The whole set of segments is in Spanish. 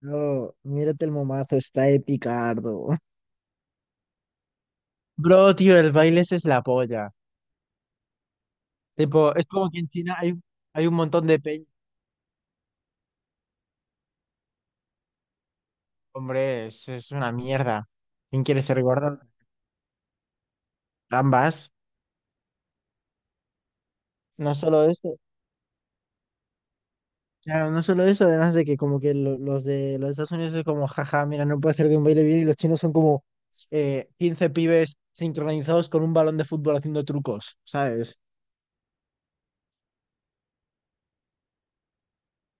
No, mírate el momazo, está de picardo. Bro, tío, el baile ese es la polla. Tipo, es como que en China hay, hay un montón de peña. Hombre, es una mierda. ¿Quién quiere ser gordo? Ambas. No solo eso. Claro, no solo eso, además de que como que los de los Estados Unidos es como, jaja, mira, no puede hacer de un baile bien y los chinos son como 15 pibes sincronizados con un balón de fútbol haciendo trucos, ¿sabes?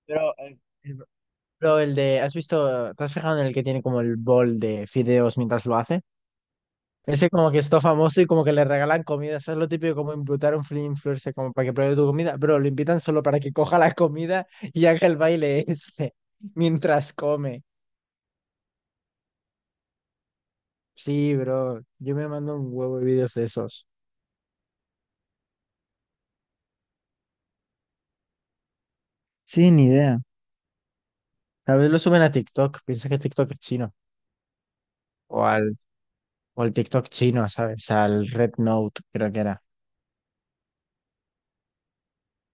Pero eh, el, Pero el de, ¿has visto? ¿Te has fijado en el que tiene como el bol de fideos mientras lo hace? Ese como que está famoso y como que le regalan comida. Eso es lo típico como invitar a un free influencer como para que pruebe tu comida, pero lo invitan solo para que coja la comida y haga el baile ese mientras come. Sí, bro. Yo me mando un huevo de vídeos de esos. Sí, ni idea. Tal vez lo suben a TikTok. Piensa que TikTok es chino. O al, o al TikTok chino, ¿sabes? Al Red Note, creo que era.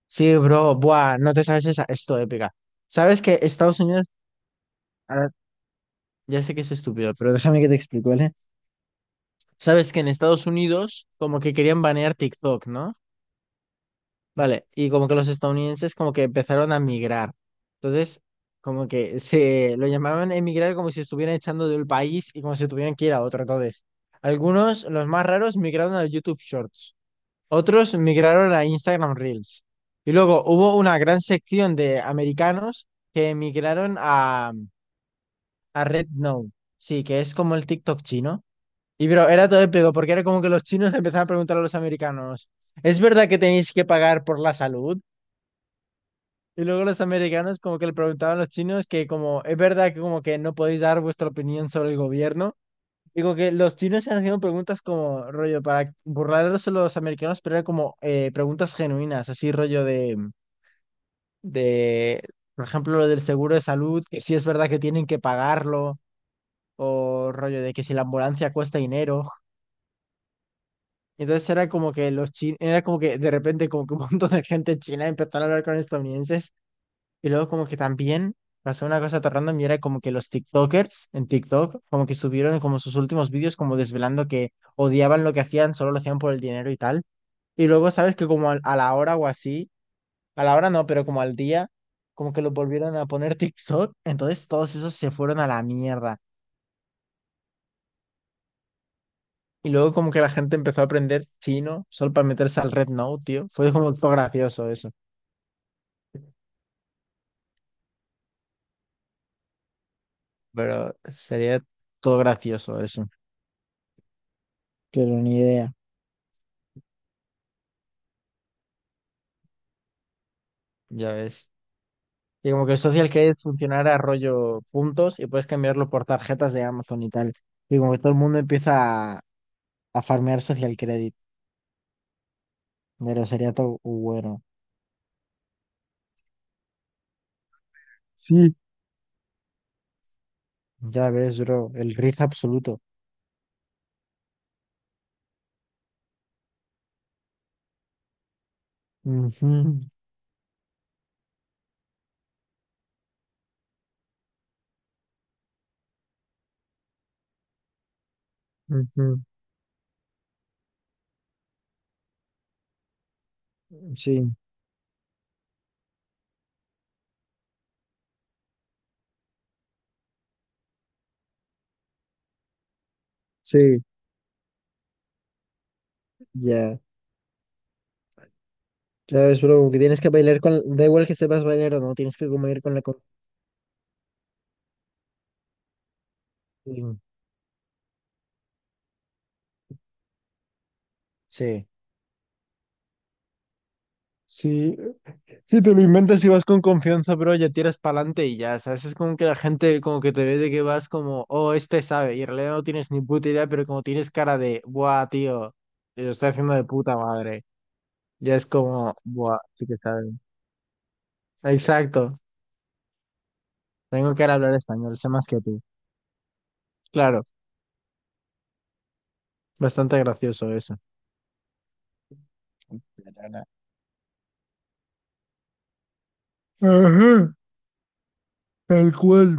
Sí, bro, buah, no te sabes esa, esto épica. Sabes que Estados Unidos, ahora, ya sé que es estúpido, pero déjame que te explico, ¿vale? Sabes que en Estados Unidos como que querían banear TikTok, ¿no? Vale, y como que los estadounidenses como que empezaron a migrar. Entonces, como que se lo llamaban emigrar como si estuvieran echando del país y como si tuvieran que ir a otro. Entonces, algunos, los más raros, migraron a YouTube Shorts. Otros migraron a Instagram Reels. Y luego hubo una gran sección de americanos que migraron a RedNote, sí, que es como el TikTok chino. Y pero era todo épico, porque era como que los chinos empezaban a preguntar a los americanos, ¿es verdad que tenéis que pagar por la salud? Y luego los americanos como que le preguntaban a los chinos que como, ¿es verdad que como que no podéis dar vuestra opinión sobre el gobierno? Digo que los chinos se han haciendo preguntas como rollo para burlarlos a los americanos, pero era como preguntas genuinas, así rollo de por ejemplo, lo del seguro de salud, que si es verdad que tienen que pagarlo, o rollo de que si la ambulancia cuesta dinero. Entonces era como que los chinos, era como que de repente como que un montón de gente china empezó a hablar con estadounidenses. Y luego como que también pasó una cosa tan random y era como que los TikTokers en TikTok como que subieron como sus últimos vídeos como desvelando que odiaban lo que hacían, solo lo hacían por el dinero y tal. Y luego sabes que como la hora o así, a la hora no, pero como al día, como que lo volvieron a poner TikTok, entonces todos esos se fueron a la mierda. Y luego como que la gente empezó a aprender chino solo para meterse al Red Note tío. Fue como todo gracioso eso, pero sería todo gracioso eso. Pero ni idea, ya ves. Y como que el social credit funcionara rollo puntos y puedes cambiarlo por tarjetas de Amazon y tal. Y como que todo el mundo empieza a farmear social credit. Pero sería todo bueno. Sí. Ya ves, bro, el riz absoluto. Ujú, ujú. Sí, sí, ya. Ya ves, bro, que tienes que bailar con... Da igual que sepas bailar o no, tienes que comer con la... con- Sí. Sí, si te lo inventas y vas con confianza, pero ya tiras para adelante y ya, ¿sabes? Es como que la gente como que te ve de que vas como, oh, este sabe, y en realidad no tienes ni puta idea, pero como tienes cara de, buah, tío, lo estoy haciendo de puta madre, ya es como, buah, sí que sabe. Exacto, tengo que hablar español, sé más que tú. Claro, bastante gracioso eso. Ajá, tal cual.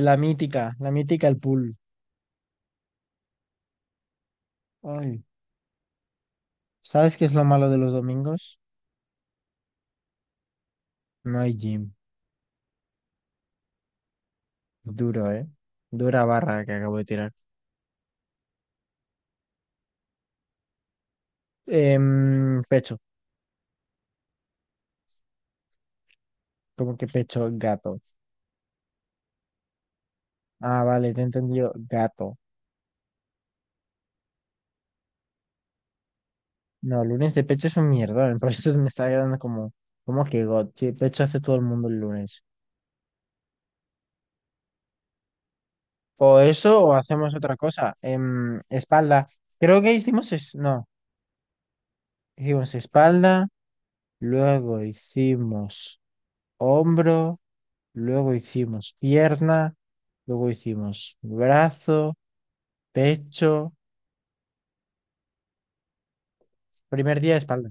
La mítica, el pool. Ay, ¿sabes qué es lo malo de los domingos? No hay gym. Duro, ¿eh? Dura barra que acabo de tirar. Pecho. ¿Cómo que pecho? Gato. Ah, vale, te he entendido. Gato. No, lunes de pecho es un mierda. Por eso me está quedando como, ¿cómo que got? Sí, pecho hace todo el mundo el lunes. O eso, o hacemos otra cosa. Espalda. Creo que hicimos no, hicimos espalda, luego hicimos hombro, luego hicimos pierna, luego hicimos brazo, pecho. Primer día espalda.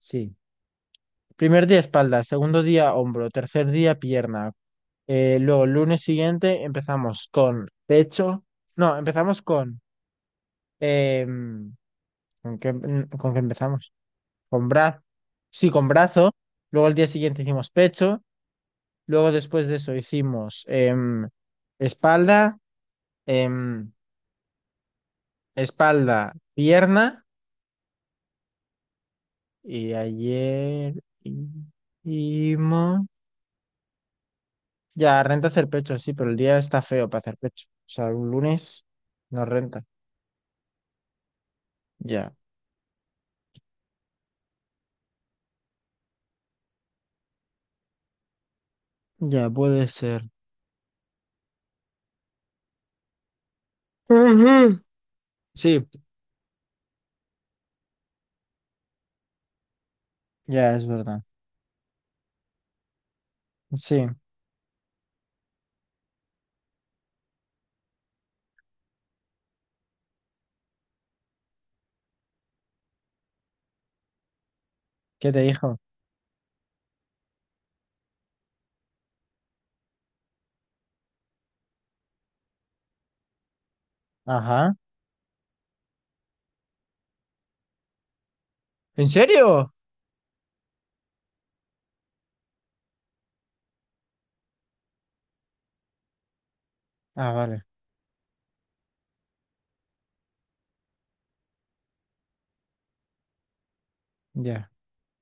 Sí. Primer día espalda, segundo día hombro, tercer día pierna. Luego, lunes siguiente empezamos con pecho. No, empezamos con... em, ¿con qué, ¿con qué empezamos? Con brazo. Sí, con brazo. Luego el día siguiente hicimos pecho. Luego después de eso hicimos espalda, em, espalda, pierna. Y ayer hicimos... Ya, renta hacer pecho, sí, pero el día está feo para hacer pecho. O sea, un lunes no renta. Ya, ya puede ser. Ujú. Sí, ya es verdad. Sí, ¿qué te dijo? Ajá. ¿En serio? Ah, vale, ya.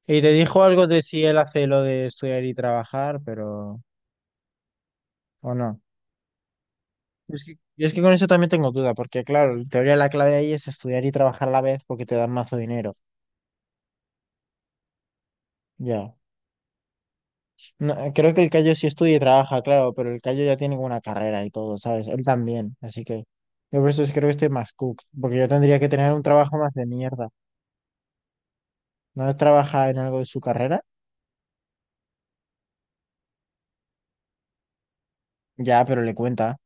Y te dijo algo de si él hace lo de estudiar y trabajar, pero... ¿O no? Es que, yo es que con eso también tengo duda, porque claro, en teoría la clave ahí es estudiar y trabajar a la vez porque te dan mazo dinero. Ya. No, creo que el Cayo sí estudia y trabaja, claro, pero el Cayo ya tiene una carrera y todo, ¿sabes? Él también, así que yo por eso creo que estoy más cook, porque yo tendría que tener un trabajo más de mierda. ¿No trabaja en algo de su carrera? Ya, pero le cuenta.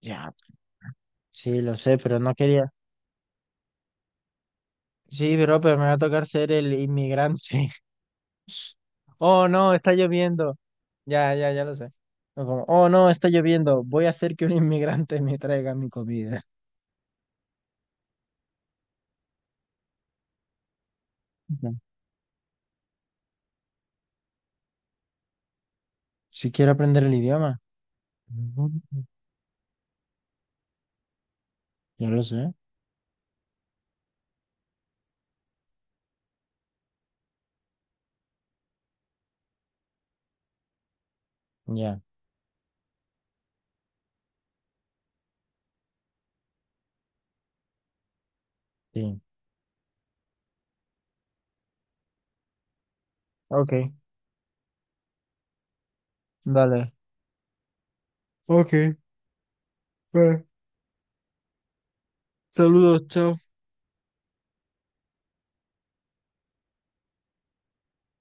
Ya, sí, lo sé, pero no quería. Sí, pero me va a tocar ser el inmigrante. Oh, no, está lloviendo. Ya lo sé. O como, oh, no, está lloviendo. Voy a hacer que un inmigrante me traiga mi comida. Ya. Si quiero aprender el idioma. Ujú. Ya lo sé. Ya, sí. Ok, dale. Ok, vale. Saludos, chao.